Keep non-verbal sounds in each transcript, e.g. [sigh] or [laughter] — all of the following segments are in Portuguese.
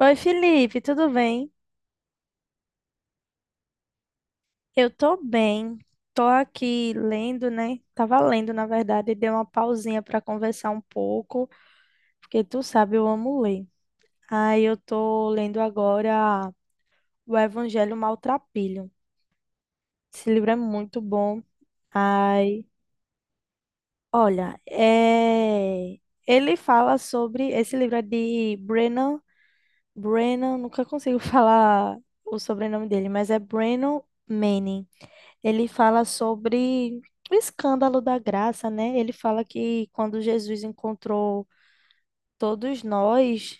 Oi, Felipe, tudo bem? Eu tô bem. Tô aqui lendo, né? Tava lendo, na verdade, e dei uma pausinha para conversar um pouco, porque tu sabe, eu amo ler. Aí eu tô lendo agora o Evangelho Maltrapilho. Esse livro é muito bom. Ai, olha, ele fala sobre. Esse livro é de Brennan. Brennan, nunca consigo [laughs] falar o sobrenome dele, mas é Brennan Manning. Ele fala sobre o escândalo da graça, né? Ele fala que quando Jesus encontrou todos nós,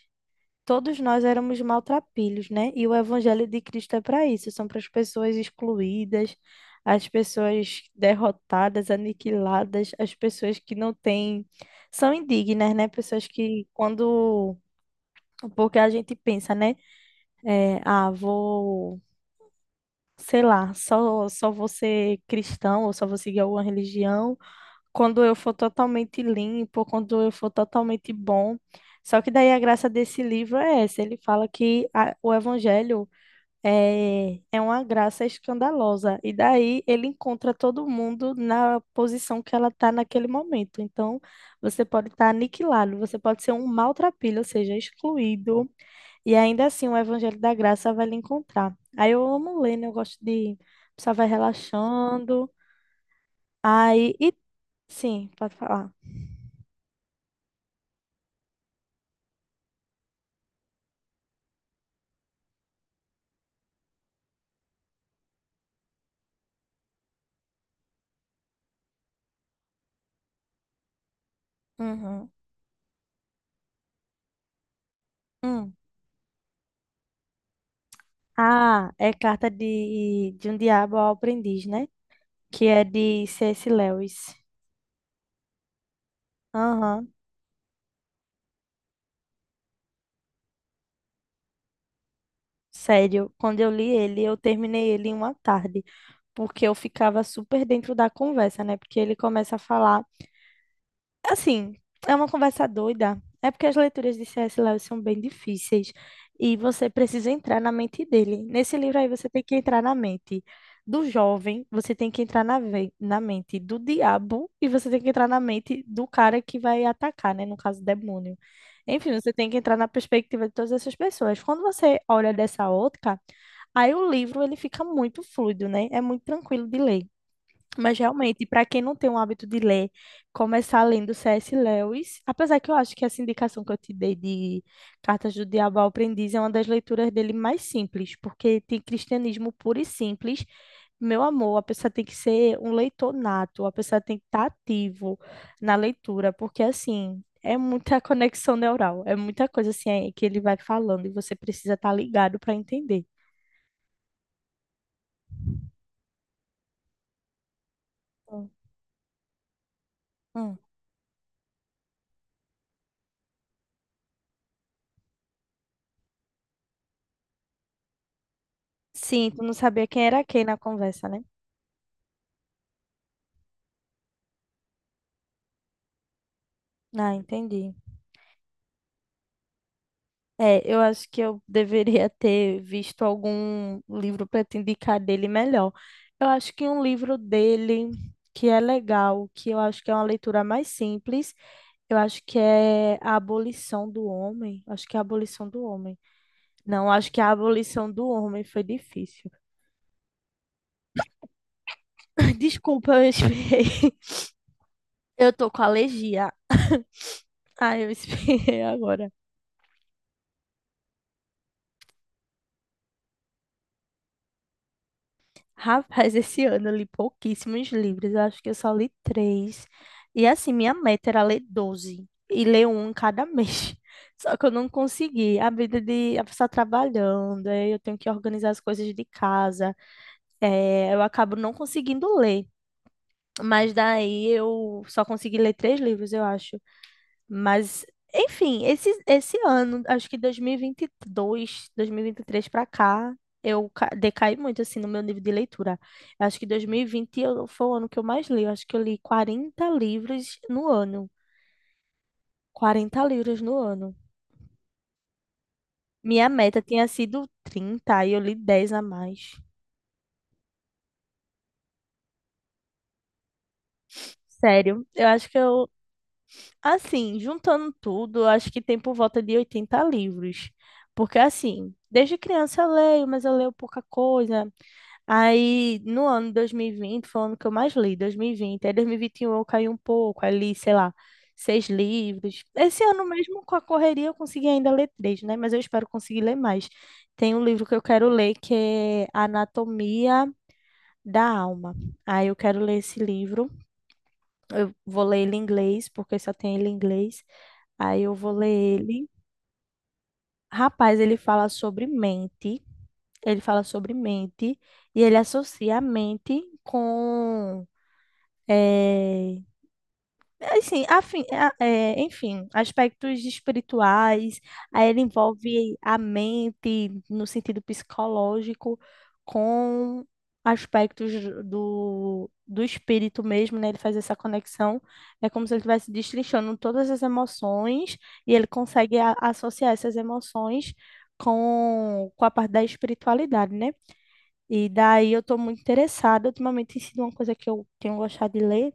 todos nós éramos maltrapilhos, né? E o evangelho de Cristo é para isso, são para as pessoas excluídas, as pessoas derrotadas, aniquiladas, as pessoas que não têm, são indignas, né? Pessoas que quando, porque a gente pensa, né? É, ah, sei lá, só vou ser cristão ou só vou seguir alguma religião quando eu for totalmente limpo, quando eu for totalmente bom. Só que daí a graça desse livro é essa, ele fala que o evangelho é uma graça escandalosa, e daí ele encontra todo mundo na posição que ela está naquele momento. Então, você pode estar aniquilado, você pode ser um maltrapilho, ou seja, excluído, e ainda assim o evangelho da graça vai lhe encontrar. Aí eu amo ler, né? Eu gosto de. A pessoa vai relaxando, aí. E, sim, pode falar. Uhum. Hum. Ah, é carta de um diabo ao aprendiz, né? Que é de C.S. Lewis. Aham, sério. Quando eu li ele, eu terminei ele em uma tarde, porque eu ficava super dentro da conversa, né? Porque ele começa a falar. Assim, é uma conversa doida. É porque as leituras de C S Lewis são bem difíceis e você precisa entrar na mente dele. Nesse livro aí você tem que entrar na mente do jovem, você tem que entrar na mente do diabo e você tem que entrar na mente do cara que vai atacar, né? No caso, demônio. Enfim, você tem que entrar na perspectiva de todas essas pessoas. Quando você olha dessa ótica, aí o livro ele fica muito fluido, né? É muito tranquilo de ler. Mas realmente, para quem não tem o hábito de ler, começar lendo C.S. Lewis, apesar que eu acho que essa indicação que eu te dei de Cartas do Diabo ao Aprendiz é uma das leituras dele mais simples, porque tem cristianismo puro e simples. Meu amor, a pessoa tem que ser um leitor nato, a pessoa tem que estar ativo na leitura, porque assim, é muita [laughs] conexão neural, é muita coisa assim é, que ele vai falando e você precisa estar ligado para entender. Hum. Hum. Sim, tu não sabia quem era quem na conversa, né? Ah, entendi. É, eu acho que eu deveria ter visto algum livro para te indicar dele melhor. Eu acho que um livro dele que é legal, que eu acho que é uma leitura mais simples, eu acho que é A Abolição do Homem. Acho que é A Abolição do Homem. Não, acho que é A Abolição do Homem foi difícil. [laughs] Desculpa, eu espirrei. Eu tô com alergia. [laughs] Ah, eu espirrei agora. Rapaz, esse ano eu li pouquíssimos livros, eu acho que eu só li três. E assim, minha meta era ler 12 e ler um cada mês. [laughs] Só que eu não consegui. A vida de a pessoa tá trabalhando, aí eu tenho que organizar as coisas de casa. Eu acabo não conseguindo ler. Mas daí eu só consegui ler três livros, eu acho. Mas, enfim, esse ano, acho que dois mil e vinte e dois, dois mil e vinte e três para cá, eu decaí muito, assim, no meu nível de leitura. Eu acho que 2020 foi o ano que eu mais li. Eu acho que eu li 40 livros no ano. 40 livros no ano. Minha meta tinha sido 30 e eu li 10 a mais. Sério, eu acho que eu, assim, juntando tudo, eu acho que tem por volta de 80 livros. Porque, assim, desde criança eu leio, mas eu leio pouca coisa. Aí, no ano 2020, foi o ano que eu mais li, 2020. Aí, 2021 eu caí um pouco, aí li, sei lá, seis livros. Esse ano mesmo, com a correria, eu consegui ainda ler três, né? Mas eu espero conseguir ler mais. Tem um livro que eu quero ler que é Anatomia da Alma. Aí eu quero ler esse livro. Eu vou ler ele em inglês, porque só tem ele em inglês. Aí eu vou ler ele. Rapaz, ele fala sobre mente. Ele fala sobre mente e ele associa a mente com é, assim, é, enfim, aspectos espirituais, aí ele envolve a mente no sentido psicológico com aspectos do espírito mesmo, né? Ele faz essa conexão, é como se ele estivesse destrinchando todas as emoções e ele consegue associar essas emoções com a parte da espiritualidade, né? E daí eu estou muito interessada, ultimamente tem sido uma coisa que eu tenho gostado de ler,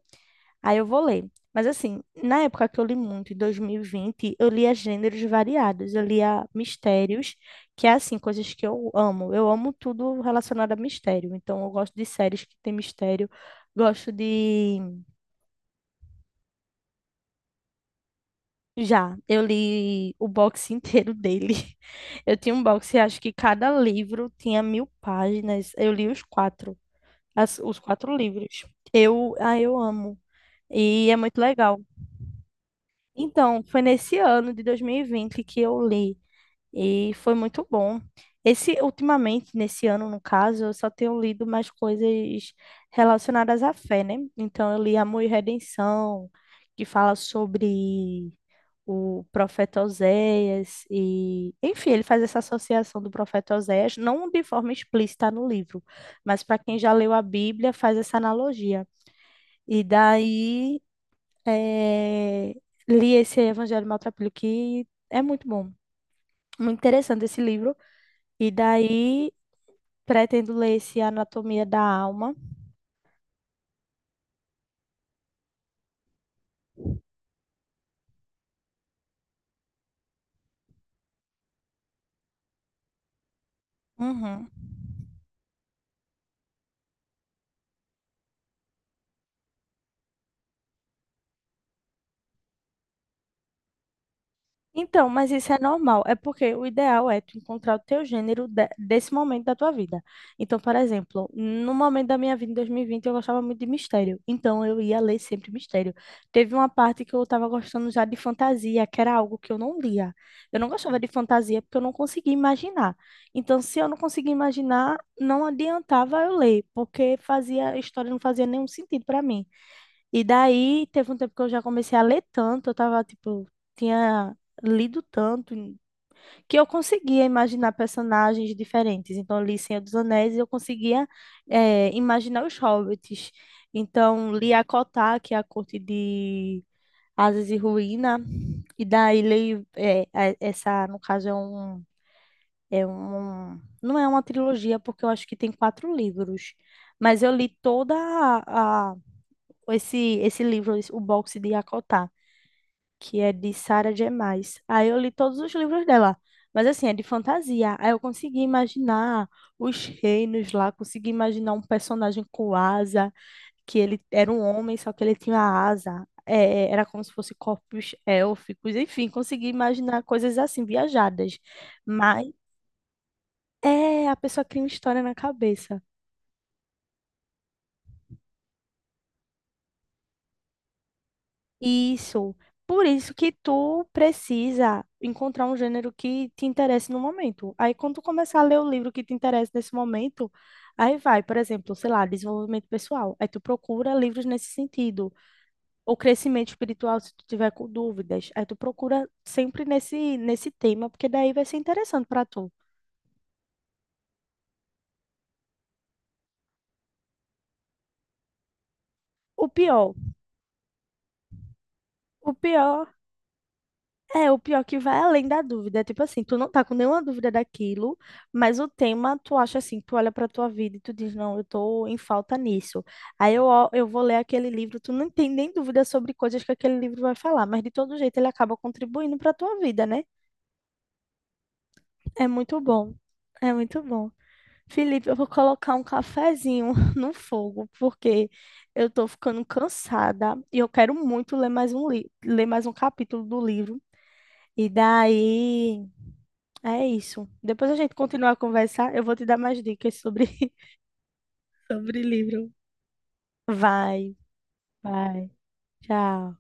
aí eu vou ler. Mas assim, na época que eu li muito, em 2020, eu lia gêneros variados. Eu lia mistérios, que é assim, coisas que eu amo. Eu amo tudo relacionado a mistério. Então, eu gosto de séries que tem mistério. Gosto de. Já, eu li o box inteiro dele. [laughs] Eu tinha um box e acho que cada livro tinha 1.000 páginas. Eu li os quatro, os quatro livros. Eu, ah, eu amo. E é muito legal. Então, foi nesse ano de 2020 que eu li e foi muito bom. Esse ultimamente, nesse ano, no caso, eu só tenho lido mais coisas relacionadas à fé, né? Então, eu li Amor e Redenção, que fala sobre o profeta Oséias e, enfim, ele faz essa associação do profeta Oséias, não de forma explícita no livro, mas para quem já leu a Bíblia, faz essa analogia. E daí eh, li esse Evangelho Maltrapilho, que é muito bom, muito interessante esse livro. E daí pretendo ler esse Anatomia da Alma. Uhum. Então, mas isso é normal, é porque o ideal é tu encontrar o teu gênero desse momento da tua vida. Então, por exemplo, no momento da minha vida em 2020, eu gostava muito de mistério, então eu ia ler sempre mistério. Teve uma parte que eu estava gostando já de fantasia, que era algo que eu não lia. Eu não gostava de fantasia porque eu não conseguia imaginar. Então, se eu não conseguia imaginar, não adiantava eu ler, porque a história não fazia nenhum sentido para mim. E daí teve um tempo que eu já comecei a ler tanto, eu tava, tipo, tinha lido tanto, que eu conseguia imaginar personagens diferentes. Então, eu li Senhor dos Anéis e eu conseguia imaginar os hobbits. Então, li Akotá, que é a corte de Asas e Ruína, e daí leio essa, no caso, é um, não é uma trilogia, porque eu acho que tem quatro livros, mas eu li toda a, esse livro, o boxe de Yakotá, que é de Sarah J. Maas. Aí eu li todos os livros dela, mas assim, é de fantasia. Aí eu consegui imaginar os reinos lá, consegui imaginar um personagem com asa, que ele era um homem, só que ele tinha asa. Era como se fosse corpos élficos, enfim, consegui imaginar coisas assim, viajadas. Mas é, a pessoa cria uma história na cabeça. Isso. Por isso que tu precisa encontrar um gênero que te interesse no momento. Aí, quando tu começar a ler o livro que te interessa nesse momento, aí vai, por exemplo, sei lá, desenvolvimento pessoal. Aí tu procura livros nesse sentido. Ou crescimento espiritual, se tu tiver com dúvidas. Aí tu procura sempre nesse tema, porque daí vai ser interessante para tu. O pior, o pior o pior que vai além da dúvida. É tipo assim, tu não tá com nenhuma dúvida daquilo, mas o tema tu acha assim, tu olha pra tua vida e tu diz, não, eu tô em falta nisso. Aí eu vou ler aquele livro, tu não tem nem dúvida sobre coisas que aquele livro vai falar, mas de todo jeito ele acaba contribuindo pra tua vida, né? É muito bom. É muito bom. Felipe, eu vou colocar um cafezinho [laughs] no fogo, porque eu tô ficando cansada e eu quero muito ler mais um capítulo do livro. E daí é isso. Depois a gente continuar a conversar. Eu vou te dar mais dicas sobre, [laughs] sobre livro. Vai, vai. Tchau.